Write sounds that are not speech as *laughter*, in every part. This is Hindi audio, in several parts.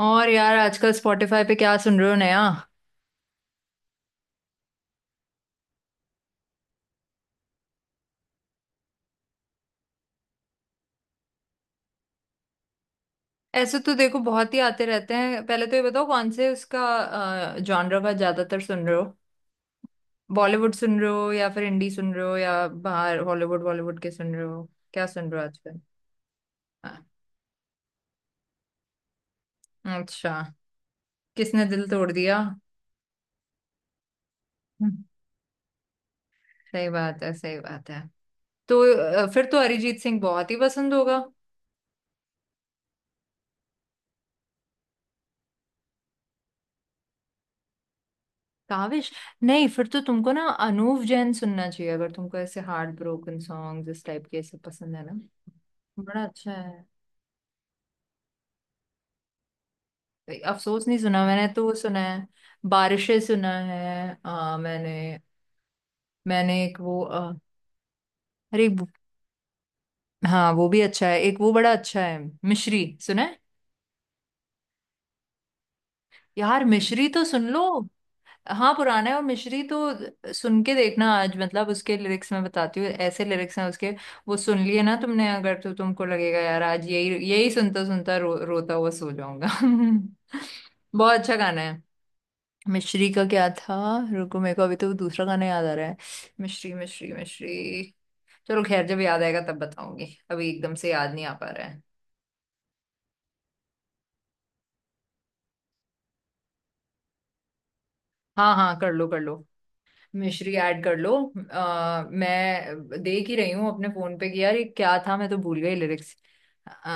और यार आजकल स्पॉटिफाई पे क्या सुन रहे हो नया। ऐसे तो देखो बहुत ही आते रहते हैं। पहले तो ये बताओ कौन से उसका जॉनर का ज्यादातर सुन रहे हो। बॉलीवुड सुन रहे हो या फिर हिंदी सुन रहे हो या बाहर हॉलीवुड बॉलीवुड के सुन रहे हो। क्या सुन रहे हो आजकल। हाँ। अच्छा। किसने दिल तोड़ दिया। हम्म। सही बात है सही बात है। तो फिर तो अरिजीत सिंह बहुत ही पसंद होगा। काविश। नहीं फिर तो तुमको ना अनूप जैन सुनना चाहिए अगर तुमको ऐसे हार्ट ब्रोकन सॉन्ग इस टाइप के ऐसे पसंद है ना। बड़ा अच्छा है। अफसोस नहीं सुना मैंने तो वो सुना है। बारिशें सुना है मैंने। मैंने एक वो अरे एक- हाँ वो भी अच्छा है। एक वो बड़ा अच्छा है। मिश्री सुना है। यार मिश्री तो सुन लो। हाँ पुराना है और मिश्री तो सुन के देखना आज, मतलब उसके लिरिक्स मैं बताती हूँ, ऐसे लिरिक्स हैं उसके। वो सुन लिए ना तुमने, अगर तो तुमको लगेगा यार आज यही यही सुनता सुनता रोता हुआ सो जाऊंगा *laughs* बहुत अच्छा गाना है। मिश्री का क्या था। रुको मेरे को अभी तो दूसरा गाना याद आ रहा है। मिश्री मिश्री मिश्री। चलो खैर जब याद आएगा तब बताऊंगी। अभी एकदम से याद नहीं आ पा रहा है। हाँ हाँ कर लो कर लो। मिश्री ऐड कर लो। मैं देख ही रही हूँ अपने फोन पे कि यार ये क्या था, मैं तो भूल गई लिरिक्स। आ,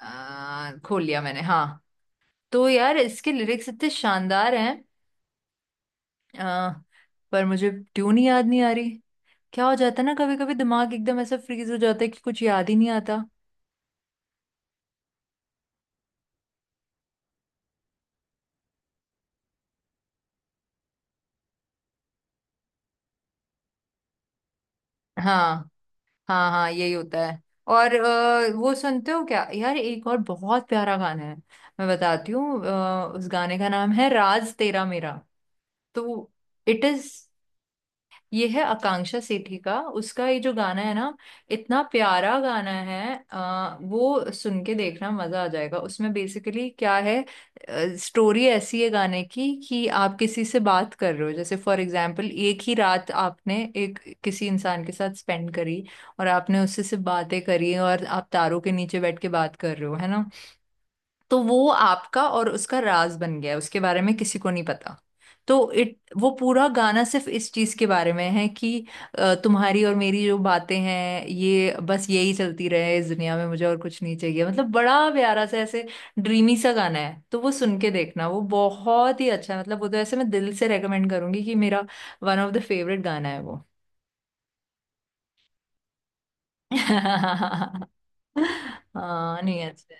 खोल लिया मैंने, हाँ। तो यार इसके लिरिक्स इतने शानदार हैं। आ, पर मुझे ट्यून ही याद नहीं आ रही। क्या हो जाता है ना, कभी कभी दिमाग एकदम ऐसा फ्रीज हो जाता है कि कुछ याद ही नहीं आता। हाँ हाँ हाँ यही होता है। और वो सुनते हो क्या यार, एक और बहुत प्यारा गाना है। मैं बताती हूँ, उस गाने का नाम है राज तेरा मेरा। तो इट इज। ये है आकांक्षा सेठी का, उसका ये जो गाना है ना, इतना प्यारा गाना है। वो सुन के देखना, मजा आ जाएगा। उसमें बेसिकली क्या है, स्टोरी ऐसी है गाने की कि आप किसी से बात कर रहे हो, जैसे फॉर एग्जांपल एक ही रात आपने एक किसी इंसान के साथ स्पेंड करी और आपने उससे सिर्फ बातें करी, और आप तारों के नीचे बैठ के बात कर रहे हो, है ना। तो वो आपका और उसका राज बन गया है, उसके बारे में किसी को नहीं पता। तो इट वो पूरा गाना सिर्फ इस चीज के बारे में है कि तुम्हारी और मेरी जो बातें हैं ये बस यही चलती रहे इस दुनिया में, मुझे और कुछ नहीं चाहिए, मतलब बड़ा प्यारा सा ऐसे ड्रीमी सा गाना है। तो वो सुन के देखना, वो बहुत ही अच्छा है, मतलब वो तो ऐसे मैं दिल से रेकमेंड करूंगी कि मेरा वन ऑफ द फेवरेट गाना है वो *laughs* हाँ नहीं अच्छा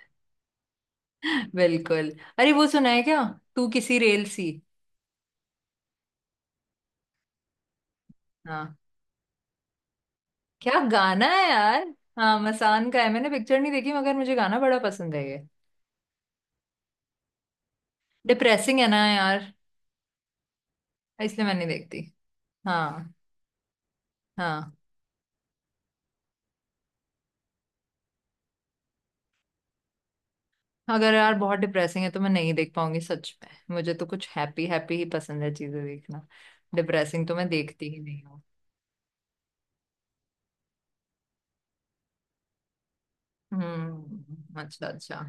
है। बिल्कुल। अरे वो सुना है क्या, तू किसी रेल सी। हाँ। क्या गाना है यार। हाँ मसान का है, मैंने पिक्चर नहीं देखी मगर मुझे गाना बड़ा पसंद है ये। डिप्रेसिंग है ना यार। इसलिए मैं नहीं देखती। हाँ। हाँ। अगर यार बहुत डिप्रेसिंग है तो मैं नहीं देख पाऊंगी सच में, मुझे तो कुछ हैप्पी हैप्पी ही पसंद है चीजें देखना। डिप्रेसिंग तो मैं देखती ही नहीं हूँ। अच्छा अच्छा।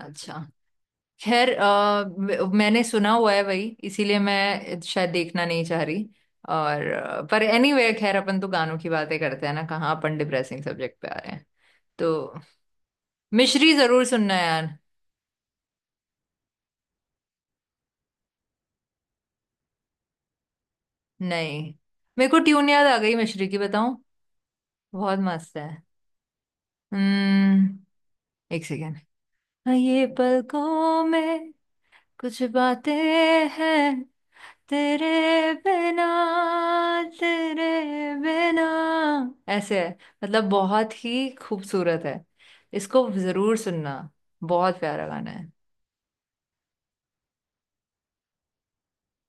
अच्छा। खैर मैंने सुना हुआ है वही, इसीलिए मैं शायद देखना नहीं चाह रही। और पर एनीवे anyway, खैर अपन तो गानों की बातें करते हैं ना, कहाँ अपन डिप्रेसिंग सब्जेक्ट पे आ रहे हैं। तो मिश्री जरूर सुनना यार। नहीं मेरे को ट्यून याद आ गई मिश्री की, बताऊं। बहुत मस्त है। हम्म। एक सेकेंड। ये पलकों में कुछ बातें हैं तेरे बिना तेरे बिना, ऐसे है, मतलब बहुत ही खूबसूरत है। इसको जरूर सुनना। बहुत प्यारा गाना है।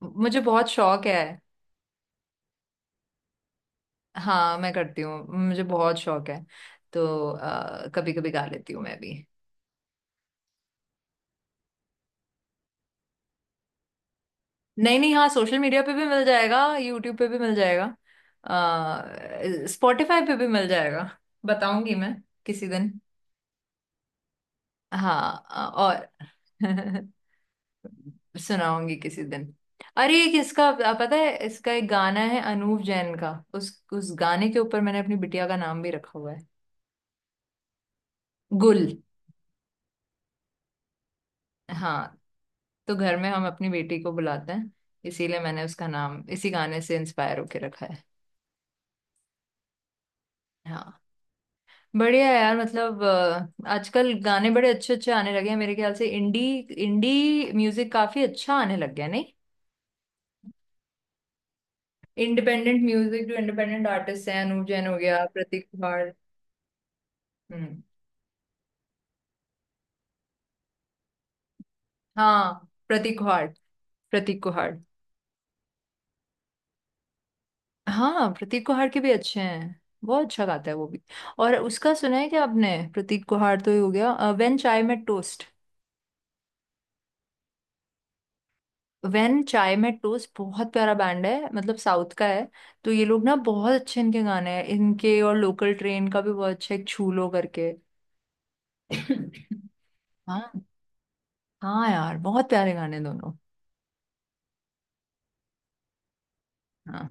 मुझे बहुत शौक है। हाँ मैं करती हूँ। मुझे बहुत शौक है। तो कभी कभी गा लेती हूँ मैं भी। नहीं नहीं, हाँ सोशल मीडिया पे भी मिल जाएगा, यूट्यूब पे भी मिल जाएगा। स्पॉटिफाई पे भी मिल जाएगा। बताऊंगी मैं किसी दिन। हाँ और *laughs* सुनाऊंगी किसी दिन। अरे एक इसका पता है, इसका एक गाना है अनूप जैन का, उस गाने के ऊपर मैंने अपनी बिटिया का नाम भी रखा हुआ है। गुल। हाँ। तो घर में हम अपनी बेटी को बुलाते हैं, इसीलिए मैंने उसका नाम इसी गाने से इंस्पायर होके रखा है। हाँ। बढ़िया है यार, मतलब आजकल गाने बड़े अच्छे अच्छे आने लगे हैं मेरे ख्याल से, इंडी इंडी म्यूजिक काफी अच्छा आने लग गया, नहीं। इंडिपेंडेंट म्यूजिक, जो इंडिपेंडेंट आर्टिस्ट हैं, अनूप जैन हो गया, प्रतीक कुहाड़। हम्म। हाँ प्रतीक कुहाड़। प्रतीक कुहाड़। हाँ प्रतीक कुहाड़ के भी अच्छे हैं, बहुत अच्छा गाता है वो भी। और उसका सुना है क्या आपने, प्रतीक कुहाड़ तो ही हो गया, when chai met toast. When chai में टोस्ट बहुत प्यारा बैंड है, मतलब साउथ का है। तो ये लोग ना बहुत अच्छे, इनके गाने हैं इनके, और लोकल ट्रेन का भी बहुत अच्छा है एक छूलो करके *laughs* हाँ। हाँ यार बहुत प्यारे गाने दोनों। हाँ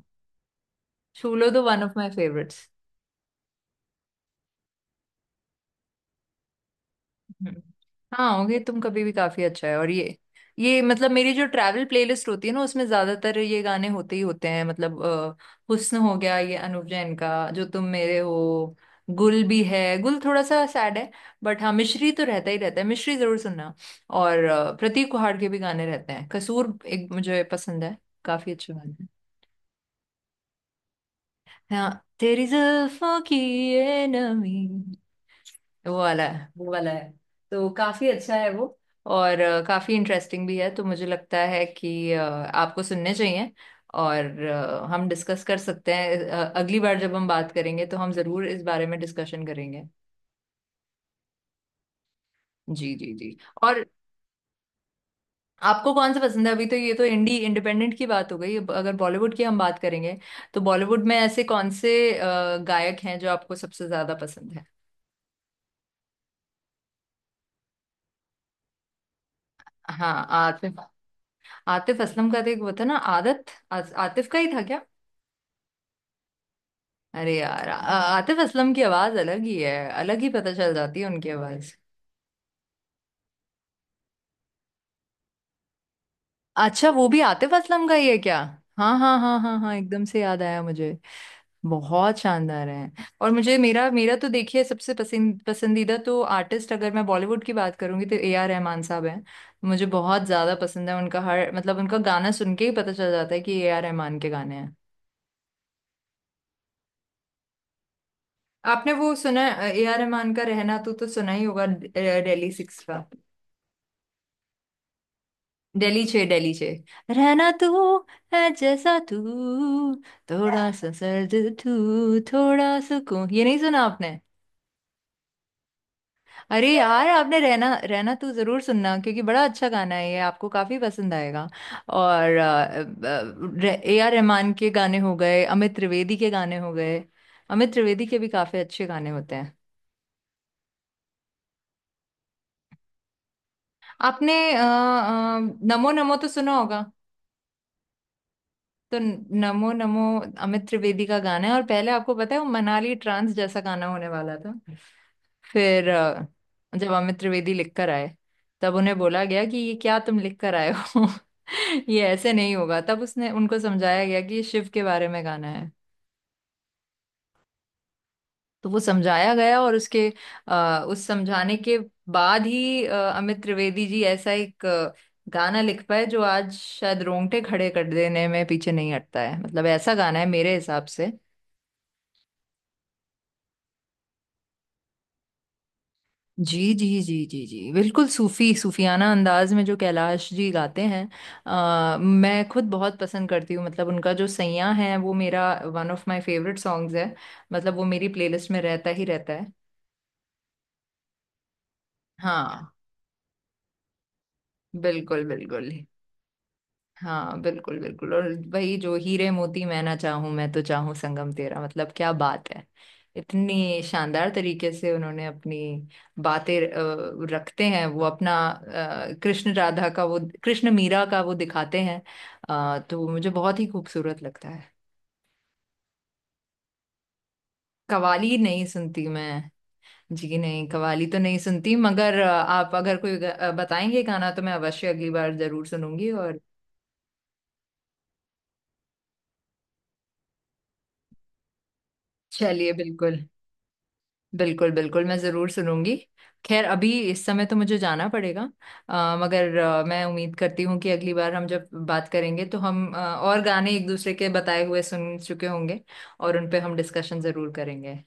छूलो तो वन ऑफ माय फेवरेट्स। हम्म। हाँ होंगे तुम कभी भी काफी अच्छा है, और ये मतलब मेरी जो ट्रैवल प्लेलिस्ट होती है ना उसमें ज्यादातर ये गाने होते ही होते हैं, मतलब हुस्न हो गया, ये अनूप जैन का जो तुम मेरे हो। गुल भी है, गुल थोड़ा सा सैड है। बट हाँ मिश्री तो रहता ही रहता है, मिश्री जरूर सुनना। और प्रतीक कुहाड़ के भी गाने रहते हैं, कसूर एक मुझे पसंद है। काफी अच्छे गाने हैं। हाँ तेरी जुल्फों की ये नमी, वो वाला है वो वाला है। तो काफी अच्छा है वो। और काफी इंटरेस्टिंग भी है तो मुझे लगता है कि आपको सुनने चाहिए। और हम डिस्कस कर सकते हैं, अगली बार जब हम बात करेंगे तो हम जरूर इस बारे में डिस्कशन करेंगे। जी जी जी। और आपको कौन सा पसंद है, अभी तो ये तो इंडी इंडिपेंडेंट की बात हो गई, अब अगर बॉलीवुड की हम बात करेंगे तो बॉलीवुड में ऐसे कौन से गायक हैं जो आपको सबसे ज्यादा पसंद है। हाँ आतिफ। आतिफ असलम का तो एक वो था ना, आदत। आ, आतिफ का ही था क्या। अरे यार आतिफ असलम की आवाज अलग ही है। अलग ही पता चल जाती है उनकी आवाज। अच्छा वो भी आतिफ असलम का ही है क्या। हाँ हाँ हाँ हाँ हाँ, एकदम से याद आया मुझे। बहुत शानदार है। और मुझे मेरा मेरा तो देखिए सबसे पसंदीदा तो आर्टिस्ट, अगर मैं बॉलीवुड की बात करूंगी तो ए आर रहमान साहब हैं। मुझे बहुत ज्यादा पसंद है, उनका हर, मतलब उनका गाना सुन के ही पता चल जाता है कि ए आर रहमान के गाने हैं। आपने वो सुना ए आर रहमान का, रहना तू तो सुना ही होगा, दिल्ली सिक्स। डेली छे डेली छे। रहना तू, है जैसा तू, थोड़ा *laughs* सा सर्द तू थोड़ा सुकून, ये नहीं सुना आपने। अरे यार आपने रहना रहना तू जरूर सुनना क्योंकि बड़ा अच्छा गाना है ये, आपको काफी पसंद आएगा। और ए आर रहमान के गाने हो गए, अमित त्रिवेदी के गाने हो गए। अमित त्रिवेदी के भी काफी अच्छे गाने होते हैं। आपने नमो नमो तो सुना होगा। तो नमो नमो अमित त्रिवेदी का गाना है, और पहले आपको पता है वो मनाली ट्रांस जैसा गाना होने वाला था। फिर जब अमित त्रिवेदी लिख कर आए तब उन्हें बोला गया कि ये क्या तुम लिख कर आए हो *laughs* ये ऐसे नहीं होगा, तब उसने उनको समझाया गया कि ये शिव के बारे में गाना है। तो वो समझाया गया, और उसके उस समझाने के बाद ही अमित त्रिवेदी जी ऐसा एक गाना लिख पाए जो आज शायद रोंगटे खड़े कर देने में पीछे नहीं हटता है, मतलब ऐसा गाना है मेरे हिसाब से। जी जी जी जी जी, बिल्कुल सूफी सूफियाना अंदाज में जो कैलाश जी गाते हैं। मैं खुद बहुत पसंद करती हूँ, मतलब उनका जो सैयां है वो मेरा one of my favourite songs है। मतलब वो मेरी प्लेलिस्ट में रहता ही रहता है। हाँ बिल्कुल बिल्कुल। हाँ बिल्कुल बिल्कुल, और भाई जो हीरे मोती मैं ना चाहूं मैं तो चाहूं संगम तेरा, मतलब क्या बात है। इतनी शानदार तरीके से उन्होंने अपनी बातें रखते हैं, वो अपना कृष्ण राधा का वो, कृष्ण मीरा का वो दिखाते हैं। तो मुझे बहुत ही खूबसूरत लगता है। कवाली नहीं सुनती मैं। जी नहीं कवाली तो नहीं सुनती, मगर आप अगर कोई बताएंगे गाना तो मैं अवश्य अगली बार जरूर सुनूंगी, और चलिए बिल्कुल। बिल्कुल बिल्कुल, मैं ज़रूर सुनूंगी। खैर अभी इस समय तो मुझे जाना पड़ेगा। मगर मैं उम्मीद करती हूँ कि अगली बार हम जब बात करेंगे तो हम और गाने एक दूसरे के बताए हुए सुन चुके होंगे, और उन पे हम डिस्कशन ज़रूर करेंगे।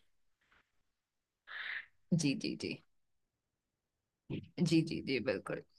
जी जी जी जी जी जी बिल्कुल।